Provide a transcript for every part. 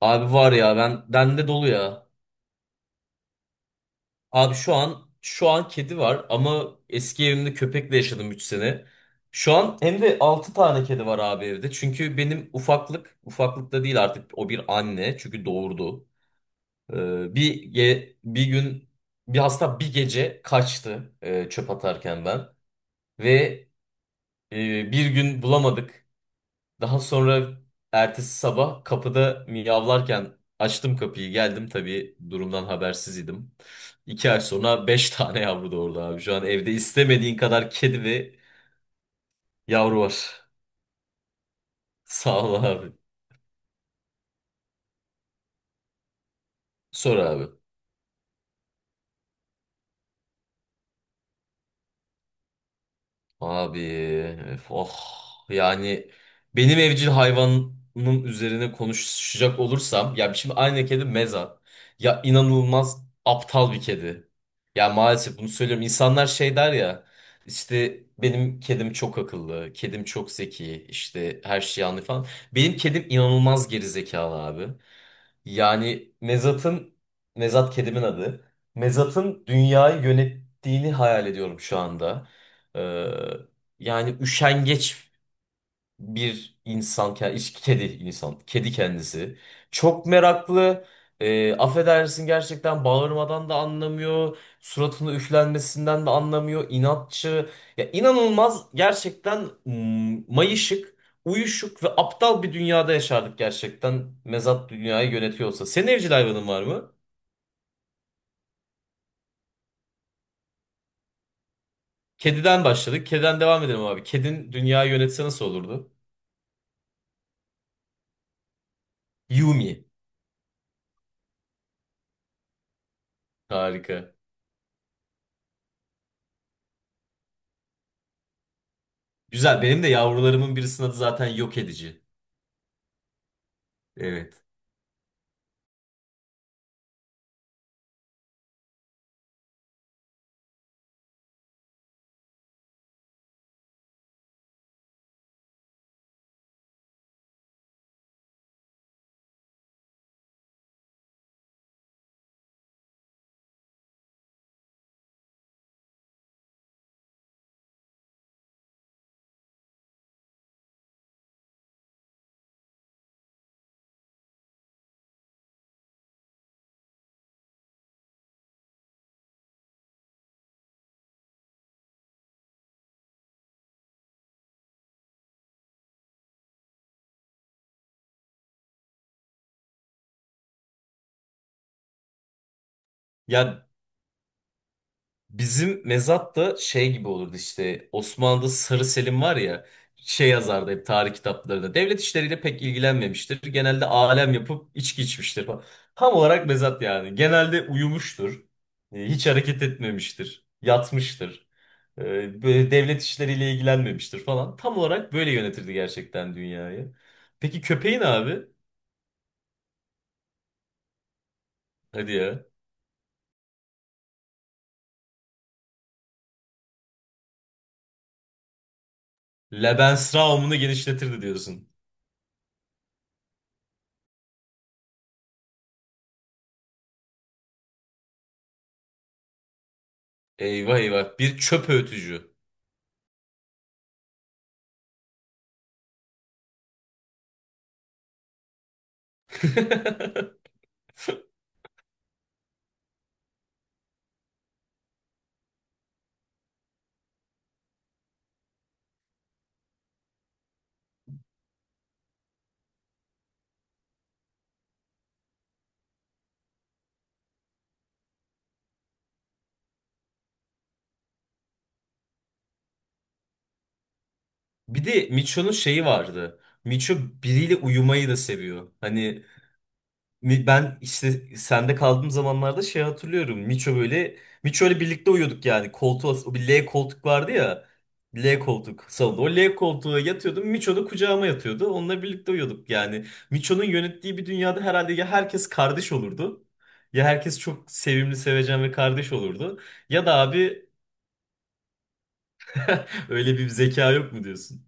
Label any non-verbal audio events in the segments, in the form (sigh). Abi var ya bende dolu ya. Abi şu an kedi var ama eski evimde köpekle yaşadım 3 sene. Şu an hem de 6 tane kedi var abi evde. Çünkü benim ufaklık da değil artık, o bir anne çünkü doğurdu. Bir gün bir hasta bir gece kaçtı, çöp atarken ben ve bir gün bulamadık. Daha sonra ertesi sabah kapıda miyavlarken açtım kapıyı, geldim, tabii durumdan habersiz idim. 2 ay sonra 5 (laughs) tane yavru doğurdu abi. Şu an evde istemediğin kadar kedi ve yavru var. (laughs) Sağ ol abi. Sor abi. Abi öf, oh, yani benim evcil hayvanımın üzerine konuşacak olursam, ya şimdi aynı kedi Meza, ya inanılmaz aptal bir kedi. Ya maalesef bunu söylüyorum. İnsanlar şey der ya, işte benim kedim çok akıllı, kedim çok zeki, işte her şeyi anlıyor falan. Benim kedim inanılmaz gerizekalı abi. Yani Mezat kedimin adı. Mezat'ın dünyayı yönettiğini hayal ediyorum şu anda. Ee, Yani üşengeç bir insan, kedi insan, kedi kendisi. Çok meraklı. Affedersin, gerçekten bağırmadan da anlamıyor. Suratını üflenmesinden de anlamıyor. İnatçı. Ya inanılmaz gerçekten, mayışık, uyuşuk ve aptal bir dünyada yaşardık gerçekten. Mezat dünyayı yönetiyorsa. Senin evcil hayvanın var mı? Kediden başladık. Kediden devam edelim abi. Kedin dünyayı yönetse nasıl olurdu? Yumi. Harika. Güzel. Benim de yavrularımın birisinin adı zaten yok edici. Evet. Ya bizim mezat da şey gibi olurdu işte. Osmanlı'da Sarı Selim var ya. Şey yazardı hep tarih kitaplarında. Devlet işleriyle pek ilgilenmemiştir. Genelde alem yapıp içki içmiştir falan. Tam olarak mezat yani. Genelde uyumuştur. Hiç hareket etmemiştir. Yatmıştır. Böyle devlet işleriyle ilgilenmemiştir falan. Tam olarak böyle yönetirdi gerçekten dünyayı. Peki köpeğin abi? Hadi ya. Lebensraum'unu genişletirdi diyorsun. Eyvah eyvah. Bir çöp öğütücü. (laughs) Bir de Micho'nun şeyi vardı. Micho biriyle uyumayı da seviyor. Hani ben işte sende kaldığım zamanlarda şey hatırlıyorum. Miço ile birlikte uyuyorduk yani. Koltuğa, o bir L koltuk vardı ya. L koltuk salonda. O L koltuğa yatıyordum. Miço da kucağıma yatıyordu. Onunla birlikte uyuyorduk yani. Miço'nun yönettiği bir dünyada herhalde ya herkes kardeş olurdu. Ya herkes çok sevimli, sevecen ve kardeş olurdu. Ya da abi, (laughs) öyle bir zeka yok mu diyorsun?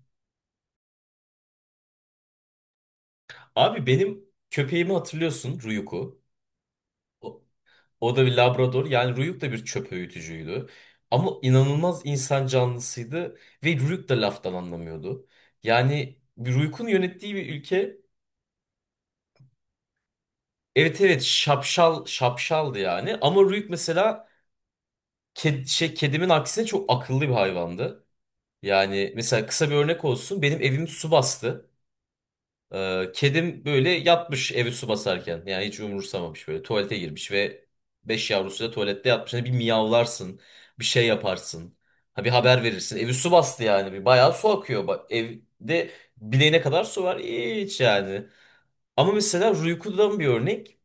Abi benim köpeğimi hatırlıyorsun, Ruyuku. O da bir labrador. Yani Ruyuk da bir çöp öğütücüydü. Ama inanılmaz insan canlısıydı ve Ruyuk da laftan anlamıyordu. Yani bir Ruyuk'un yönettiği bir ülke, evet evet, şapşal şapşaldı yani, ama Ruyuk mesela kedimin aksine çok akıllı bir hayvandı. Yani mesela kısa bir örnek olsun, benim evimi su bastı. Kedim böyle yatmış evi su basarken. Yani hiç umursamamış böyle. Tuvalete girmiş ve 5 yavrusu da tuvalette yatmış. Hani bir miyavlarsın. Bir şey yaparsın. Ha, bir haber verirsin. Evi su bastı yani. Bir bayağı su akıyor. Bak, evde bileğine kadar su var. Hiç yani. Ama mesela Rüyku'dan bir örnek.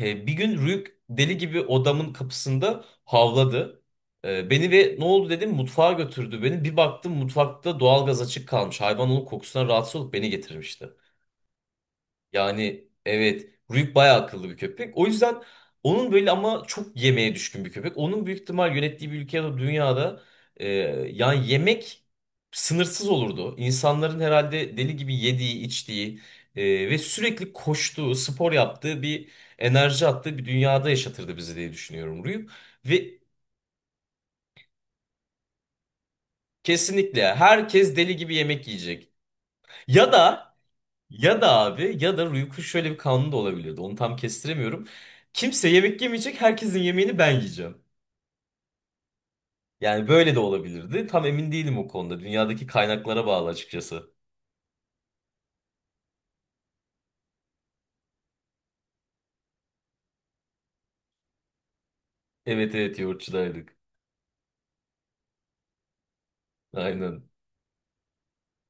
Bir gün Rüyk deli gibi odamın kapısında havladı. Beni ve ne oldu dedim, mutfağa götürdü beni. Bir baktım, mutfakta doğalgaz açık kalmış. Hayvan onun kokusundan rahatsız olup beni getirmişti. Yani evet, Rüyük bayağı akıllı bir köpek. O yüzden onun böyle, ama çok yemeğe düşkün bir köpek. Onun büyük ihtimal yönettiği bir ülke ya da dünyada, e, yani yemek sınırsız olurdu. İnsanların herhalde deli gibi yediği, içtiği, ve sürekli koştuğu, spor yaptığı bir, enerji attığı bir dünyada yaşatırdı bizi diye düşünüyorum Rüyük. Ve kesinlikle herkes deli gibi yemek yiyecek. Ya da Ya da abi, ya da Rüyuk'un şöyle bir kanunu da olabiliyordu. Onu tam kestiremiyorum. Kimse yemek yemeyecek, herkesin yemeğini ben yiyeceğim. Yani böyle de olabilirdi. Tam emin değilim o konuda. Dünyadaki kaynaklara bağlı açıkçası. Evet evet, yoğurtçudaydık. Aynen.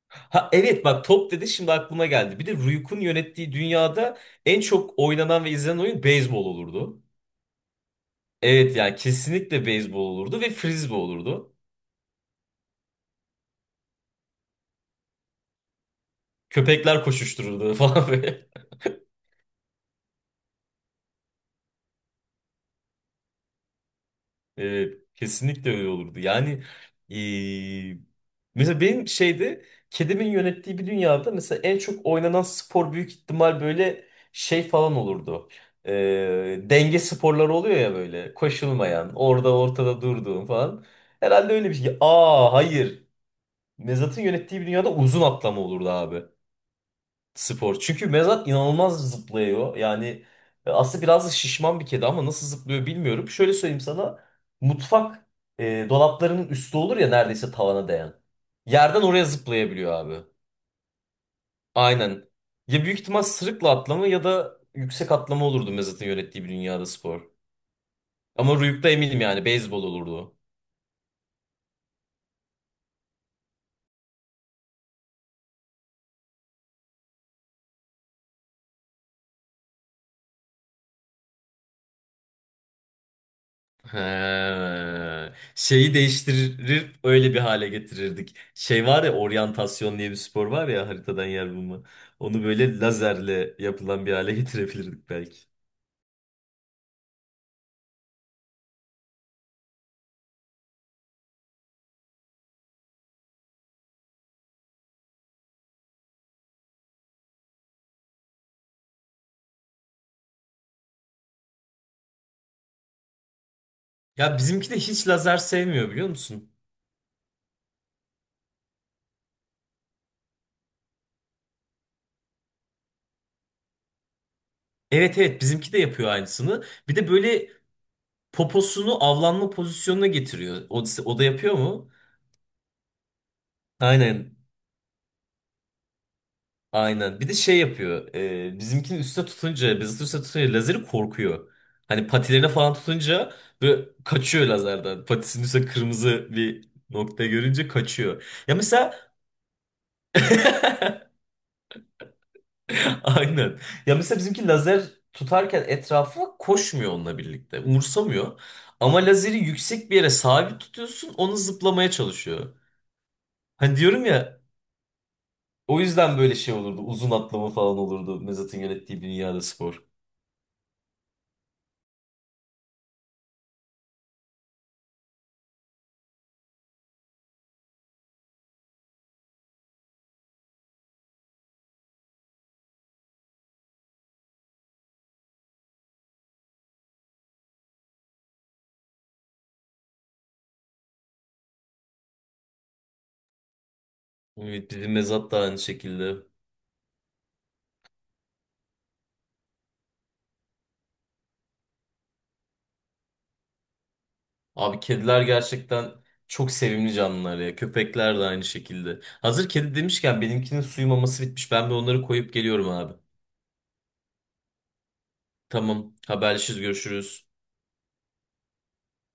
Ha evet, bak, top dedi, şimdi aklıma geldi. Bir de Rüyuk'un yönettiği dünyada en çok oynanan ve izlenen oyun beyzbol olurdu. Evet yani kesinlikle beyzbol olurdu ve frisbee olurdu. Köpekler koşuştururdu (laughs) falan. Evet, kesinlikle öyle olurdu. Yani eee, mesela benim şeyde kedimin yönettiği bir dünyada mesela en çok oynanan spor büyük ihtimal böyle şey falan olurdu. Denge sporları oluyor ya, böyle koşulmayan, orada ortada durduğum falan. Herhalde öyle bir şey. Aa hayır. Mezat'ın yönettiği bir dünyada uzun atlama olurdu abi, spor. Çünkü Mezat inanılmaz zıplıyor. Yani aslında biraz da şişman bir kedi ama nasıl zıplıyor bilmiyorum. Şöyle söyleyeyim sana. Mutfak dolaplarının üstü olur ya, neredeyse tavana değen. Yerden oraya zıplayabiliyor abi. Aynen. Ya büyük ihtimal sırıkla atlama ya da yüksek atlama olurdu Mezat'ın yönettiği bir dünyada spor. Ama Rüyuk'ta eminim yani beyzbol olurdu. He. Şeyi değiştirir, öyle bir hale getirirdik. Şey var ya, oryantasyon diye bir spor var ya, haritadan yer bulma. Onu böyle lazerle yapılan bir hale (laughs) getirebilirdik belki. Ya bizimki de hiç lazer sevmiyor biliyor musun? Evet evet, bizimki de yapıyor aynısını. Bir de böyle poposunu avlanma pozisyonuna getiriyor. O, o da yapıyor mu? Aynen. Aynen. Bir de şey yapıyor. Bizimkinin üstüne tutunca, bizim üstüne tutunca lazeri, korkuyor. Hani patilerine falan tutunca böyle kaçıyor lazerden. Patisinin üstüne kırmızı bir nokta görünce kaçıyor. Ya mesela, (laughs) aynen. Ya mesela bizimki lazer tutarken etrafa koşmuyor onunla birlikte. Umursamıyor. Ama lazeri yüksek bir yere sabit tutuyorsun, onu zıplamaya çalışıyor. Hani diyorum ya, o yüzden böyle şey olurdu. Uzun atlama falan olurdu Mezat'ın yönettiği bir dünyada spor. Evet, bizim mezat da aynı şekilde. Abi kediler gerçekten çok sevimli canlılar ya. Köpekler de aynı şekilde. Hazır kedi demişken benimkinin suyu maması bitmiş. Ben bir onları koyup geliyorum abi. Tamam, haberleşiriz, görüşürüz.